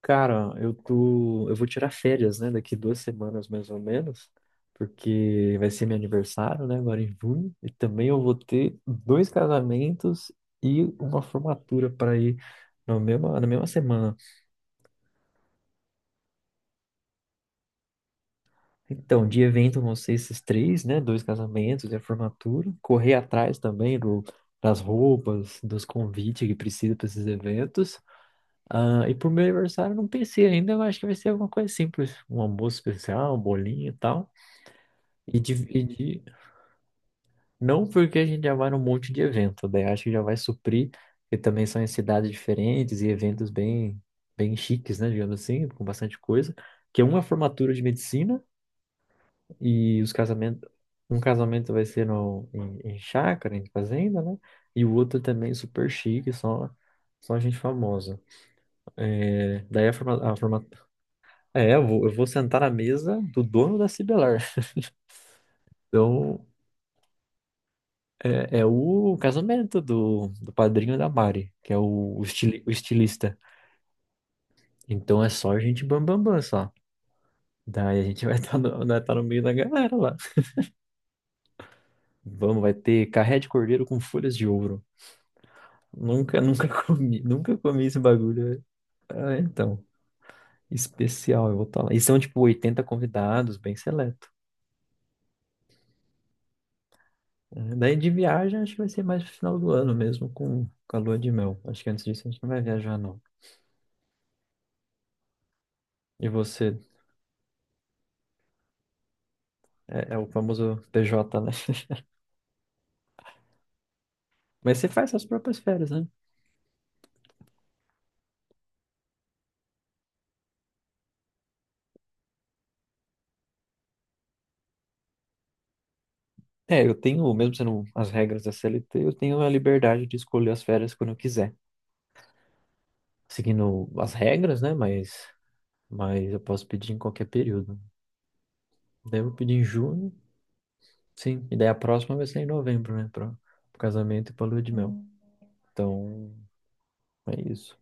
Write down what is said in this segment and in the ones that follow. Cara, eu vou tirar férias, né, daqui duas semanas mais ou menos, porque vai ser meu aniversário, né, agora em junho, e também eu vou ter dois casamentos e uma formatura para ir na mesma semana. Então, de evento vão ser esses três, né, dois casamentos e a formatura, correr atrás também das roupas, dos convites que precisa para esses eventos. Ah, e pro meu aniversário eu não pensei ainda, eu acho que vai ser alguma coisa simples, um almoço especial, um bolinho e tal. E dividir, não porque a gente já vai num monte de evento, daí acho que já vai suprir, que também são em cidades diferentes e eventos bem chiques, né, digamos assim, com bastante coisa, que uma é formatura de medicina e os casamentos, um casamento vai ser no, em, em chácara, em fazenda, né, e o outro também super chique, só gente famosa. É, daí a forma, é, eu vou sentar na mesa do dono da Cibelar. Então, é, é o casamento do padrinho da Mari, que é o o estilista. Então é só gente bam bam bam só. Daí a gente vai estar vai tá no meio da galera lá. Vamos, vai ter carré de cordeiro com folhas de ouro. Nunca nunca comi esse bagulho velho. Ah, então, especial, eu vou estar lá. E são tipo 80 convidados, bem seleto. É, daí de viagem acho que vai ser mais pro final do ano mesmo, com a lua de mel. Acho que antes disso a gente não vai viajar, não. E você, é, é o famoso PJ, né? Mas você faz suas próprias férias, né? É, eu tenho, mesmo sendo as regras da CLT, eu tenho a liberdade de escolher as férias quando eu quiser. Seguindo as regras, né? Mas eu posso pedir em qualquer período. Daí eu vou pedir em junho, sim. E daí a próxima vai ser em novembro, né? Para o casamento e para lua de mel. Então, é isso.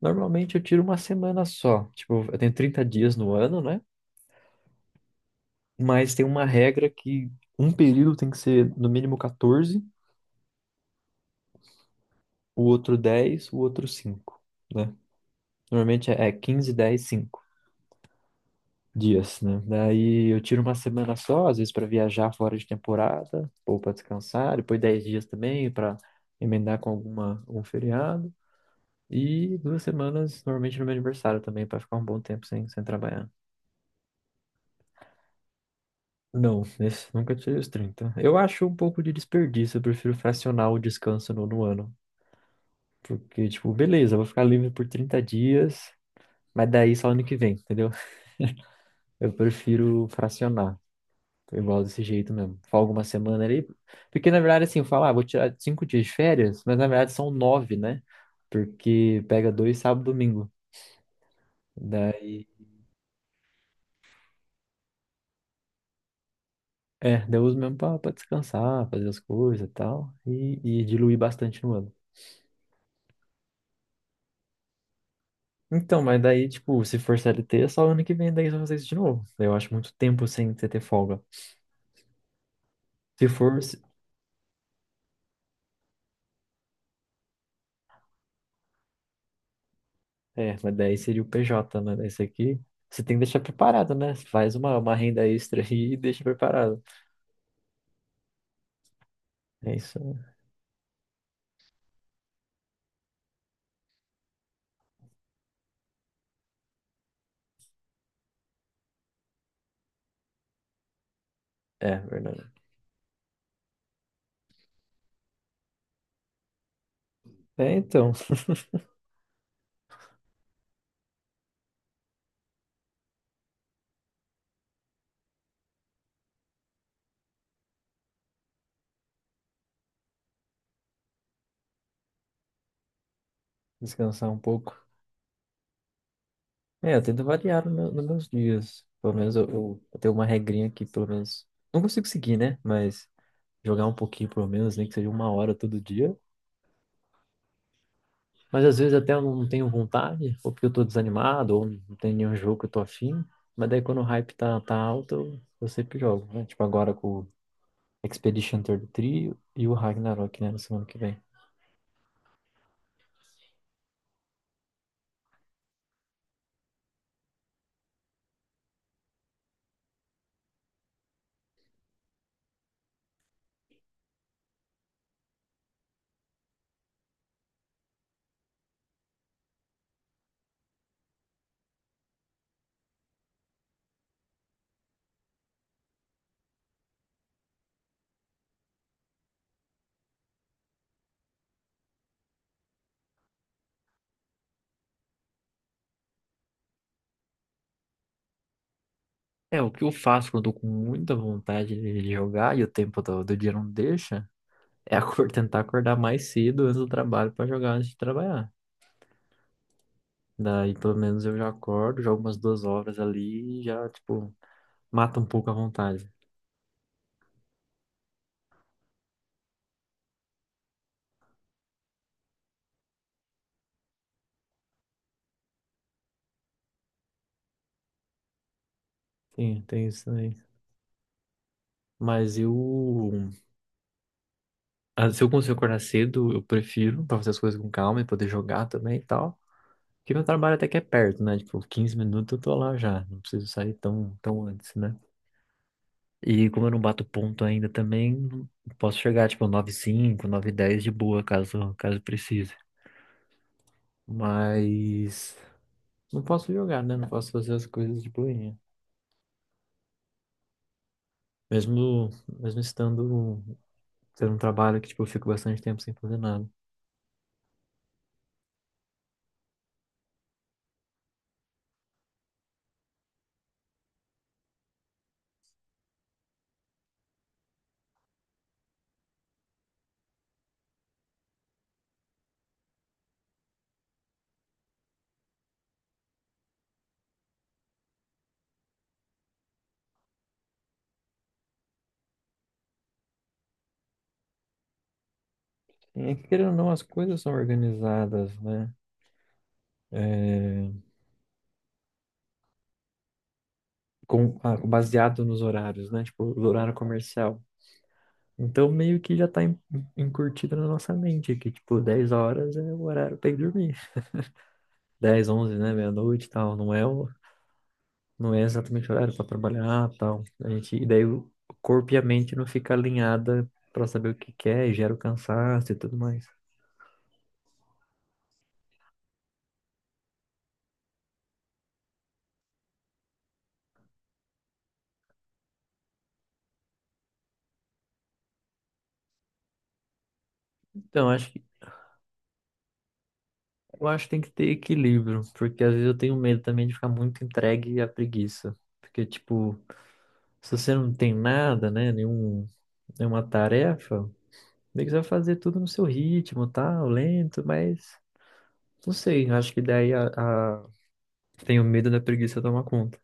Normalmente eu tiro uma semana só. Tipo, eu tenho 30 dias no ano, né? Mas tem uma regra que um período tem que ser no mínimo 14, o outro 10, o outro 5. Normalmente é 15, 10, 5 dias, né? Daí eu tiro uma semana só, às vezes para viajar fora de temporada, ou para descansar, depois 10 dias também para emendar algum feriado. E duas semanas, normalmente no meu aniversário também, para ficar um bom tempo sem trabalhar. Não, esse, nunca tirei os 30. Eu acho um pouco de desperdício, eu prefiro fracionar o descanso no ano. Porque, tipo, beleza, eu vou ficar livre por 30 dias, mas daí só ano que vem, entendeu? Eu prefiro fracionar. Foi igual desse jeito mesmo. Foi alguma semana ali. Porque, na verdade, assim, eu falo, ah, vou tirar cinco dias de férias, mas na verdade são nove, né? Porque pega dois sábado e domingo. Daí, é, daí eu uso mesmo pra descansar, fazer as coisas e tal. E diluir bastante no ano. Então, mas daí, tipo, se for CLT, é só ano que vem, daí eu vou fazer isso de novo. Eu acho muito tempo sem você ter folga. Se for, se- é, mas daí seria o PJ, né? Daí esse aqui, você tem que deixar preparado, né? Faz uma renda extra aí e deixa preparado. É isso. É, é verdade. É, então, descansar um pouco. É, eu tento variar no nos meus dias. Pelo menos eu tenho uma regrinha que, pelo menos, não consigo seguir, né? Mas jogar um pouquinho, pelo menos, nem que seja uma hora todo dia. Mas às vezes até eu não tenho vontade, ou porque eu tô desanimado, ou não tem nenhum jogo que eu tô afim. Mas daí quando o hype tá alto, eu sempre jogo, né? Tipo agora com o Expedition 33 e três e o Ragnarok, né? Na semana que vem. É, o que eu faço quando eu tô com muita vontade de jogar e o tempo do dia não deixa. É tentar acordar mais cedo antes do trabalho para jogar antes de trabalhar. Daí, pelo menos, eu já acordo, jogo umas duas horas ali e já, tipo, mata um pouco a vontade. Sim, tem isso também. Mas eu, ah, se eu consigo acordar cedo, eu prefiro para fazer as coisas com calma e poder jogar também e tal. Porque meu trabalho até que é perto, né? Tipo, 15 minutos eu tô lá já. Não preciso sair tão antes, né? E como eu não bato ponto ainda também, posso chegar, tipo, nove h 05 9h10 de boa, caso precise. Mas não posso jogar, né? Não posso fazer as coisas de boinha. Mesmo, mesmo estando tendo um trabalho que, tipo, eu fico bastante tempo sem fazer nada. E querendo ou não, as coisas são organizadas, né? Baseado nos horários, né? Tipo, o horário comercial. Então, meio que já encurtido na nossa mente que, tipo, 10 horas é o horário pra ir dormir. Dez onze, né? Meia-noite e tal. Não é exatamente horário para trabalhar, tal. E daí o corpo e a mente não fica alinhada para saber o que quer, e gera o cansaço e tudo mais. Então, acho que eu acho que tem que ter equilíbrio, porque às vezes eu tenho medo também de ficar muito entregue à preguiça. Porque, tipo, se você não tem nada, né, nenhuma tarefa, meio que você vai fazer tudo no seu ritmo, tal, lento, mas não sei, acho que daí a... tenho medo da preguiça tomar conta.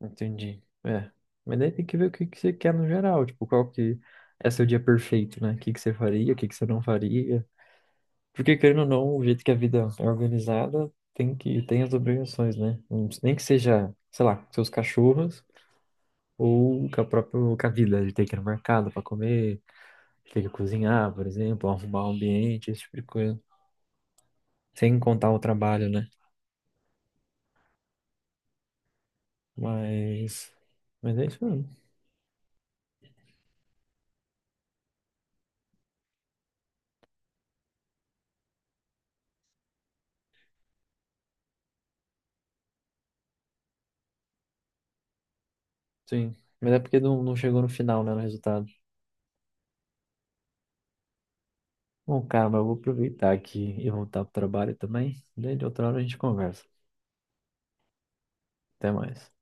Entendi. É. Mas daí tem que ver o que que você quer no geral, tipo, qual que é seu dia perfeito, né? O que que você faria, o que que você não faria. Porque, querendo ou não, o jeito que a vida é organizada tem as obrigações, né? Nem que seja, sei lá, seus cachorros ou com a vida, de ter que ir no mercado para comer, de ter que cozinhar, por exemplo, arrumar o ambiente, esse tipo de coisa. Sem contar o trabalho, né? Mas, mas é isso mesmo. Sim. Mas é porque não chegou no final, né, no resultado. Bom, cara, mas eu vou aproveitar aqui e voltar pro trabalho também. Daí de outra hora a gente conversa. Até mais.